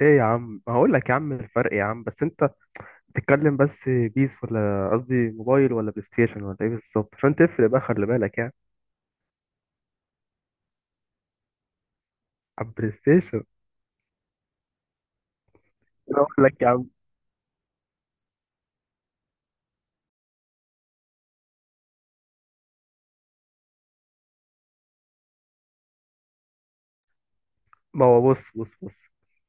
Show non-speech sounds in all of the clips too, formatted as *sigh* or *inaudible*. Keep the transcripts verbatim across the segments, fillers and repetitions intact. ايه يا عم، هقول لك يا عم الفرق يا عم، بس انت بتتكلم بس بيس ولا قصدي موبايل ولا بلاي ستيشن ولا ايه بالظبط عشان تفرق بقى، خلي بالك يعني. على البلاي ستيشن. انا اقول لك يا عم، ما هو بص بص بص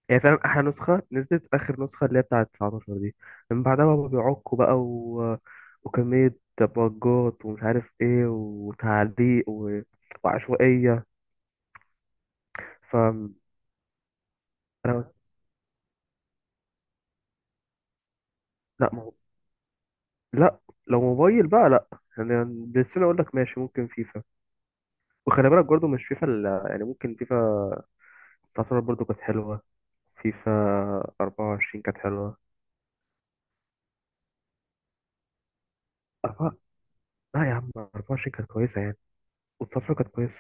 هي فاهم، احلى نسخه نزلت اخر نسخه اللي هي بتاعه تسعة عشر دي، من بعدها بقى بيعكوا بقى و... وكميه بجات، ومش عارف ايه وتعليق و... وعشوائيه. ف انا، لا ما هو، لا، لو موبايل بقى لا. يعني بلاي ستيشن اقول لك ماشي، ممكن فيفا. وخلي بالك برضه مش فيفا ال- يعني ممكن فيفا تسعتاشر برضه كانت حلوة. فيفا أربعة وعشرين كانت حلوة. أربعة. لا يا عم، أربعة وعشرين كانت كويسة يعني، و19 كانت كويسة.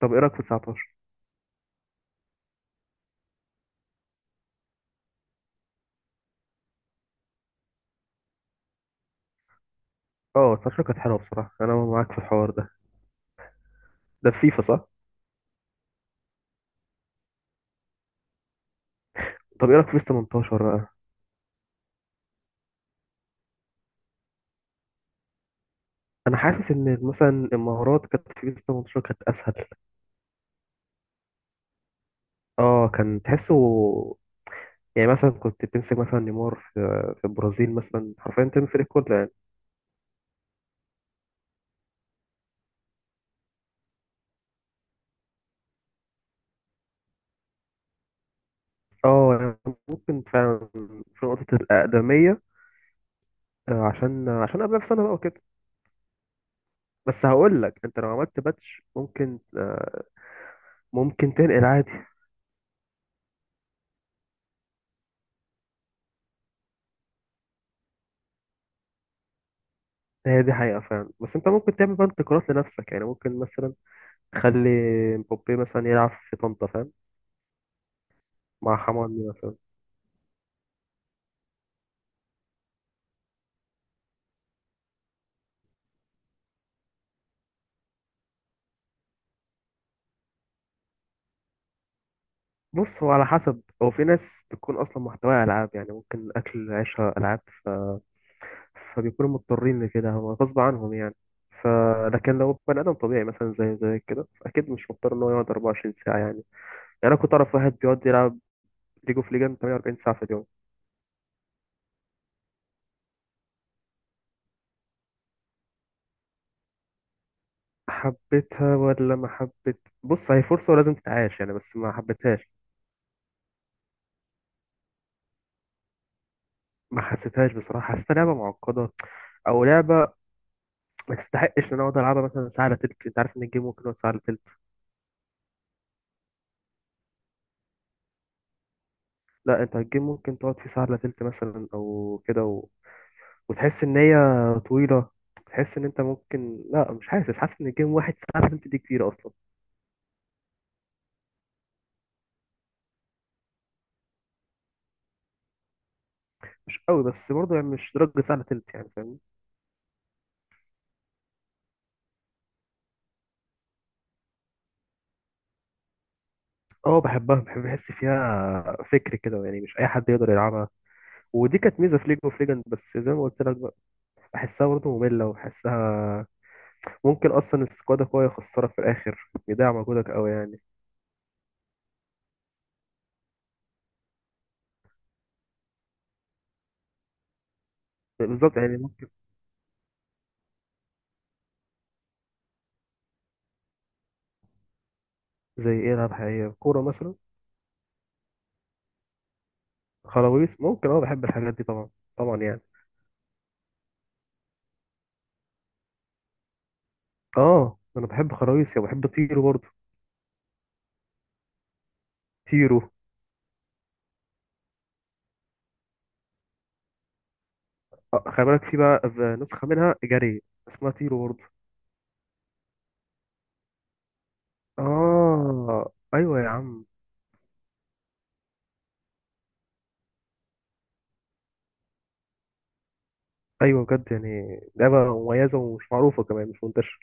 طب إيه رأيك في تسعتاشر؟ أه، تسعتاشر كانت حلوة بصراحة، أنا معاك في الحوار ده. ده في فيفا صح؟ طب إيه رأيك في بيس تمانية عشر بقى؟ أنا حاسس إن مثلا المهارات كانت في بيس تمنتاشر كانت أسهل. أه كان تحسه، يعني مثلا كنت بتمسك مثلا نيمار في في البرازيل مثلا، حرفيا تمسك الكورة يعني. اه يعني ممكن فعلا، في نقطة الأقدمية. آه، عشان عشان قبلها بسنة بقى وكده. بس هقول لك، انت لو عملت باتش، ممكن آه، ممكن تنقل عادي. *laughs* هي دي حقيقة فعلا، بس انت ممكن تعمل بقى انتقالات لنفسك، يعني ممكن مثلا تخلي مبابي مثلا يلعب في طنطا، فاهم؟ مع حماني مثلا. بص، هو على حسب، هو في ناس بتكون اصلا محتواها العاب، يعني ممكن اكل عيشها العاب. ف... فبيكونوا مضطرين لكده، هو غصب عنهم يعني. ف لكن لو بني ادم طبيعي مثلا زي زي كده، اكيد مش مضطر ان هو يقعد أربعة وعشرين ساعه يعني. يعني انا كنت اعرف واحد بيقعد يلعب ليج اوف ليجند تمانية وأربعين ساعة في اليوم. حبيتها ولا ما حبيت؟ بص، هي فرصة ولازم تتعاش يعني، بس ما حبيتهاش. ما حسيتهاش بصراحة، حسيتها لعبة معقدة. أو لعبة ما تستحقش إن أنا أقعد ألعبها مثلا ساعة إلا تلت. أنت عارف إن الجيم ممكن يقعد ساعة إلا تلت. لا أنت الجيم ممكن تقعد فيه ساعة إلا تلت مثلا أو كده، و... وتحس إن هي طويلة. تحس إن أنت ممكن، لا مش حاسس، حاسس إن الجيم واحد ساعة إلا تلت دي كتير أصلا. مش قوي، بس برضه يعني مش درجة ساعة إلا تلت يعني، فاهمني. أه بحبها، بحب أحس فيها فكر كده، يعني مش أي حد يقدر يلعبها. ودي كانت ميزه في ليج اوف ليجند، بس زي ما قلت لك بقى، بحسها برضه ممله، وبحسها ممكن اصلا السكواد قوي يخسرك في الاخر، يضيع مجهودك قوي يعني. بالظبط يعني، ممكن. زي ايه؟ العاب حقيقيه، كوره مثلا. خراويص، ممكن. اه بحب الحاجات دي طبعا، طبعا يعني. اه انا بحب خراويص، يعني بحب طيرو برضه. طيرو. آه، خلي بالك في بقى في نسخه منها جري اسمها طيرو برضه. اه ايوه يا عم. ايوه بجد، يعني لعبه مميزه ومش معروفه كمان، مش منتشره.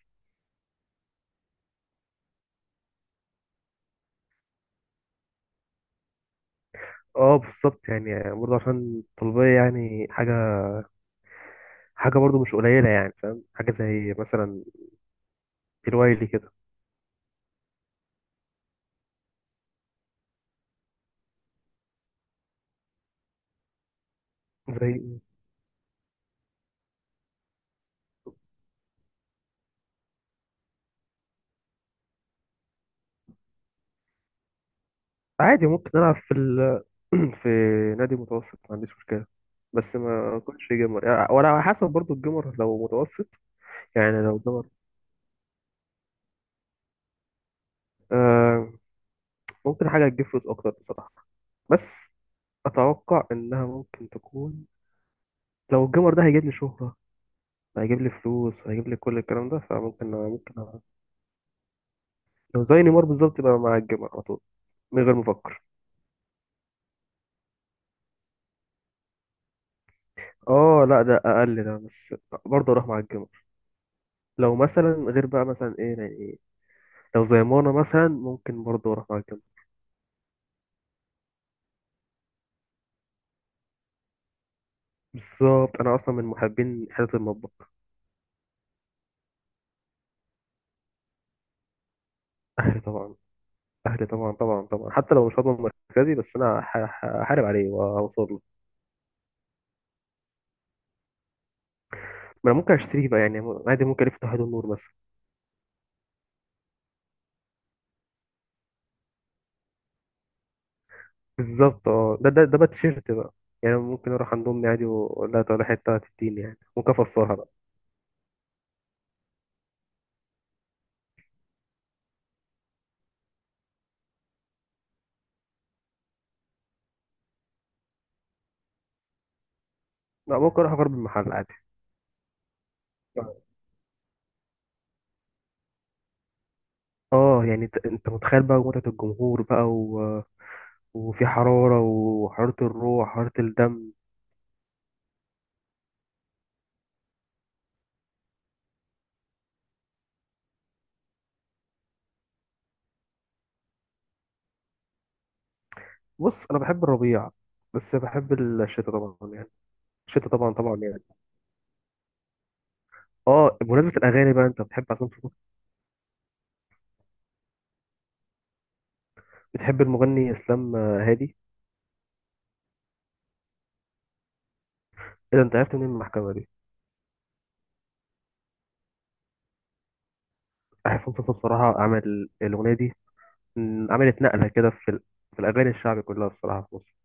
اه بالظبط، يعني برضه عشان الطلبية يعني حاجة، حاجة برضه مش قليلة يعني، فاهم؟ حاجة زي مثلا الوايلي كده. زي. عادي ممكن ألعب في ال... *clears throat* في نادي متوسط، ما عنديش مشكلة. بس ما كنتش جيمر يعني، ولا على حسب برضه الجيمر لو متوسط يعني. لو جيمر، آه ممكن حاجة تجيب فلوس أكتر بصراحة. بس أتوقع إنها ممكن تكون، لو الجيمر ده هيجيب لي شهرة، هيجيب لي فلوس، هيجيب لي كل الكلام ده، فممكن، ممكن. لو زي نيمار بالظبط، يبقى مع الجيمر على طول من غير مفكر. اه لا ده اقل، ده بس برضه اروح مع الجمر. لو مثلا غير بقى مثلا ايه، يعني ايه، لو زي مانا مثلا، ممكن برضه اروح مع الجمر. بالظبط، انا اصلا من محبين حته المطبخ. *laughs* اهلي طبعا. اهلي طبعا، طبعا طبعا، حتى لو مش هضمن مركزي، بس انا ه- ه- هحارب عليه واوصل له. ما انا ممكن اشتريه بقى يعني، عادي، ممكن الف تحت النور مثلا. بالظبط، اه ده ده ده بقى تيشيرت بقى، يعني ممكن اروح عند امي عادي واقول لها تعالى حته تديني، يعني ممكن افصلها بقى. لا ممكن اروح اجرب المحل عادي. اه يعني، انت انت متخيل بقى متعة الجمهور بقى و... وفي حرارة، وحرارة الروح، حرارة الدم. بص انا بحب الربيع، بس بحب الشتاء طبعا يعني. الشتاء طبعا، طبعا يعني. اه بمناسبة الاغاني بقى، انت بتحب عصام صاصا؟ بتحب المغني اسلام هادي؟ ايه ده، انت عرفت منين المحكمة دي؟ عصام صاصا بصراحة عمل الاغنية دي، م، عملت نقلة كده في ال... في الاغاني الشعبي كلها بصراحة في مصر.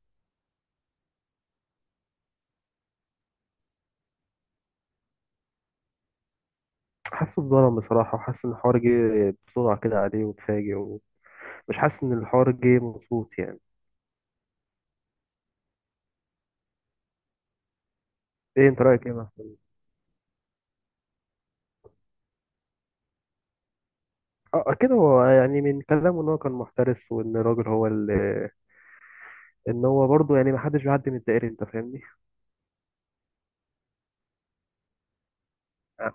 حاسه اتظلم بصراحة، وحاسس ان الحوار جه بسرعة كده عليه وتفاجئ، ومش حاسس ان الحوار جه مظبوط يعني. ايه انت رايك ايه بقى؟ اه كده هو يعني، من كلامه ان هو كان محترس، وان الراجل هو اللي، ان هو برضه يعني ما حدش بيعدي من الدائري، انت فاهمني. اه.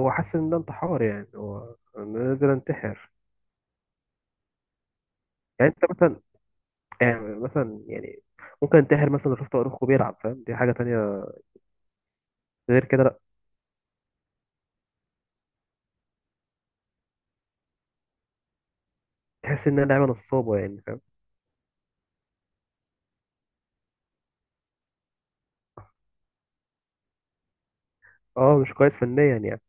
هو حاسس ان ده انتحار، يعني هو انا نقدر انتحر. يعني انت مثلا يعني مثلا يعني ممكن انتحر مثلا لو شفت اخوه بيلعب، فاهم؟ دي حاجه تانية، غير كده لا. تحس ان انا لعيبه نصابه يعني، فاهم؟ اه مش كويس فنيا يعني.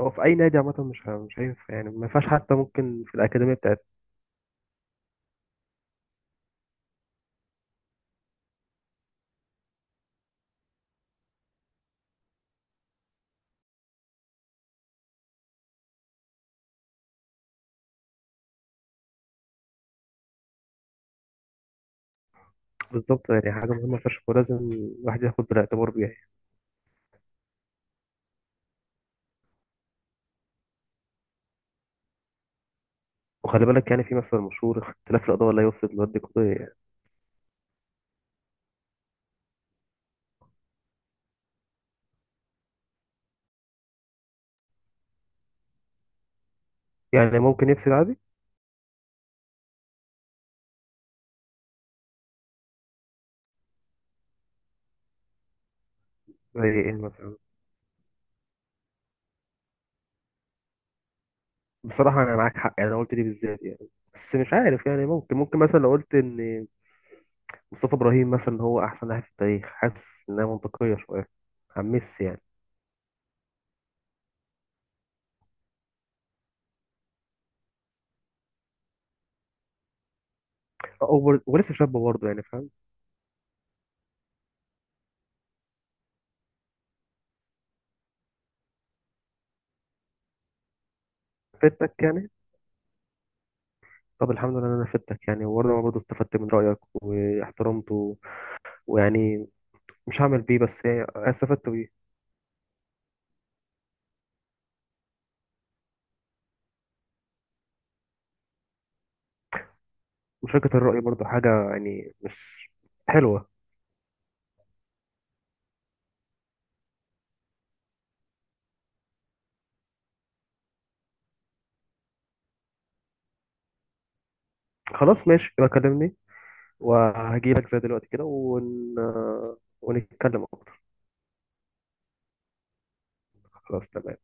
هو في اي نادي عامه مش ه- مش هينفع، يعني ما ينفعش، حتى ممكن في الاكاديميه بتاعت. بالظبط، يعني حاجه مهمه فشخ، ولازم الواحد ياخد بالاعتبار بيها. وخلي بالك يعني في مثل مشهور، اختلاف الأضواء لا يفسد للود قضية يعني. يعني ممكن يفسد عادي. زي ايه مثلا؟ بصراحة أنا معاك حق يعني، أنا قلت دي بالذات يعني. بس مش عارف يعني، ممكن ممكن مثلا لو قلت إن مصطفى إبراهيم مثلا هو أحسن لاعب في التاريخ، حاسس إنها منطقية شوية عن ميسي يعني. أوبر ولسه شابة برضه يعني، فاهم؟ فدتك يعني. طب الحمد لله إن أنا فدتك يعني، وأنا برضه استفدت من رأيك واحترمته. ويعني مش هعمل بيه، بس يعني استفدت بيه. مشاركة الرأي برضه حاجة يعني، مش حلوة. خلاص ماشي، يبقى كلمني، وهجيلك زي دلوقتي كده ون... ونتكلم اكتر. خلاص تمام.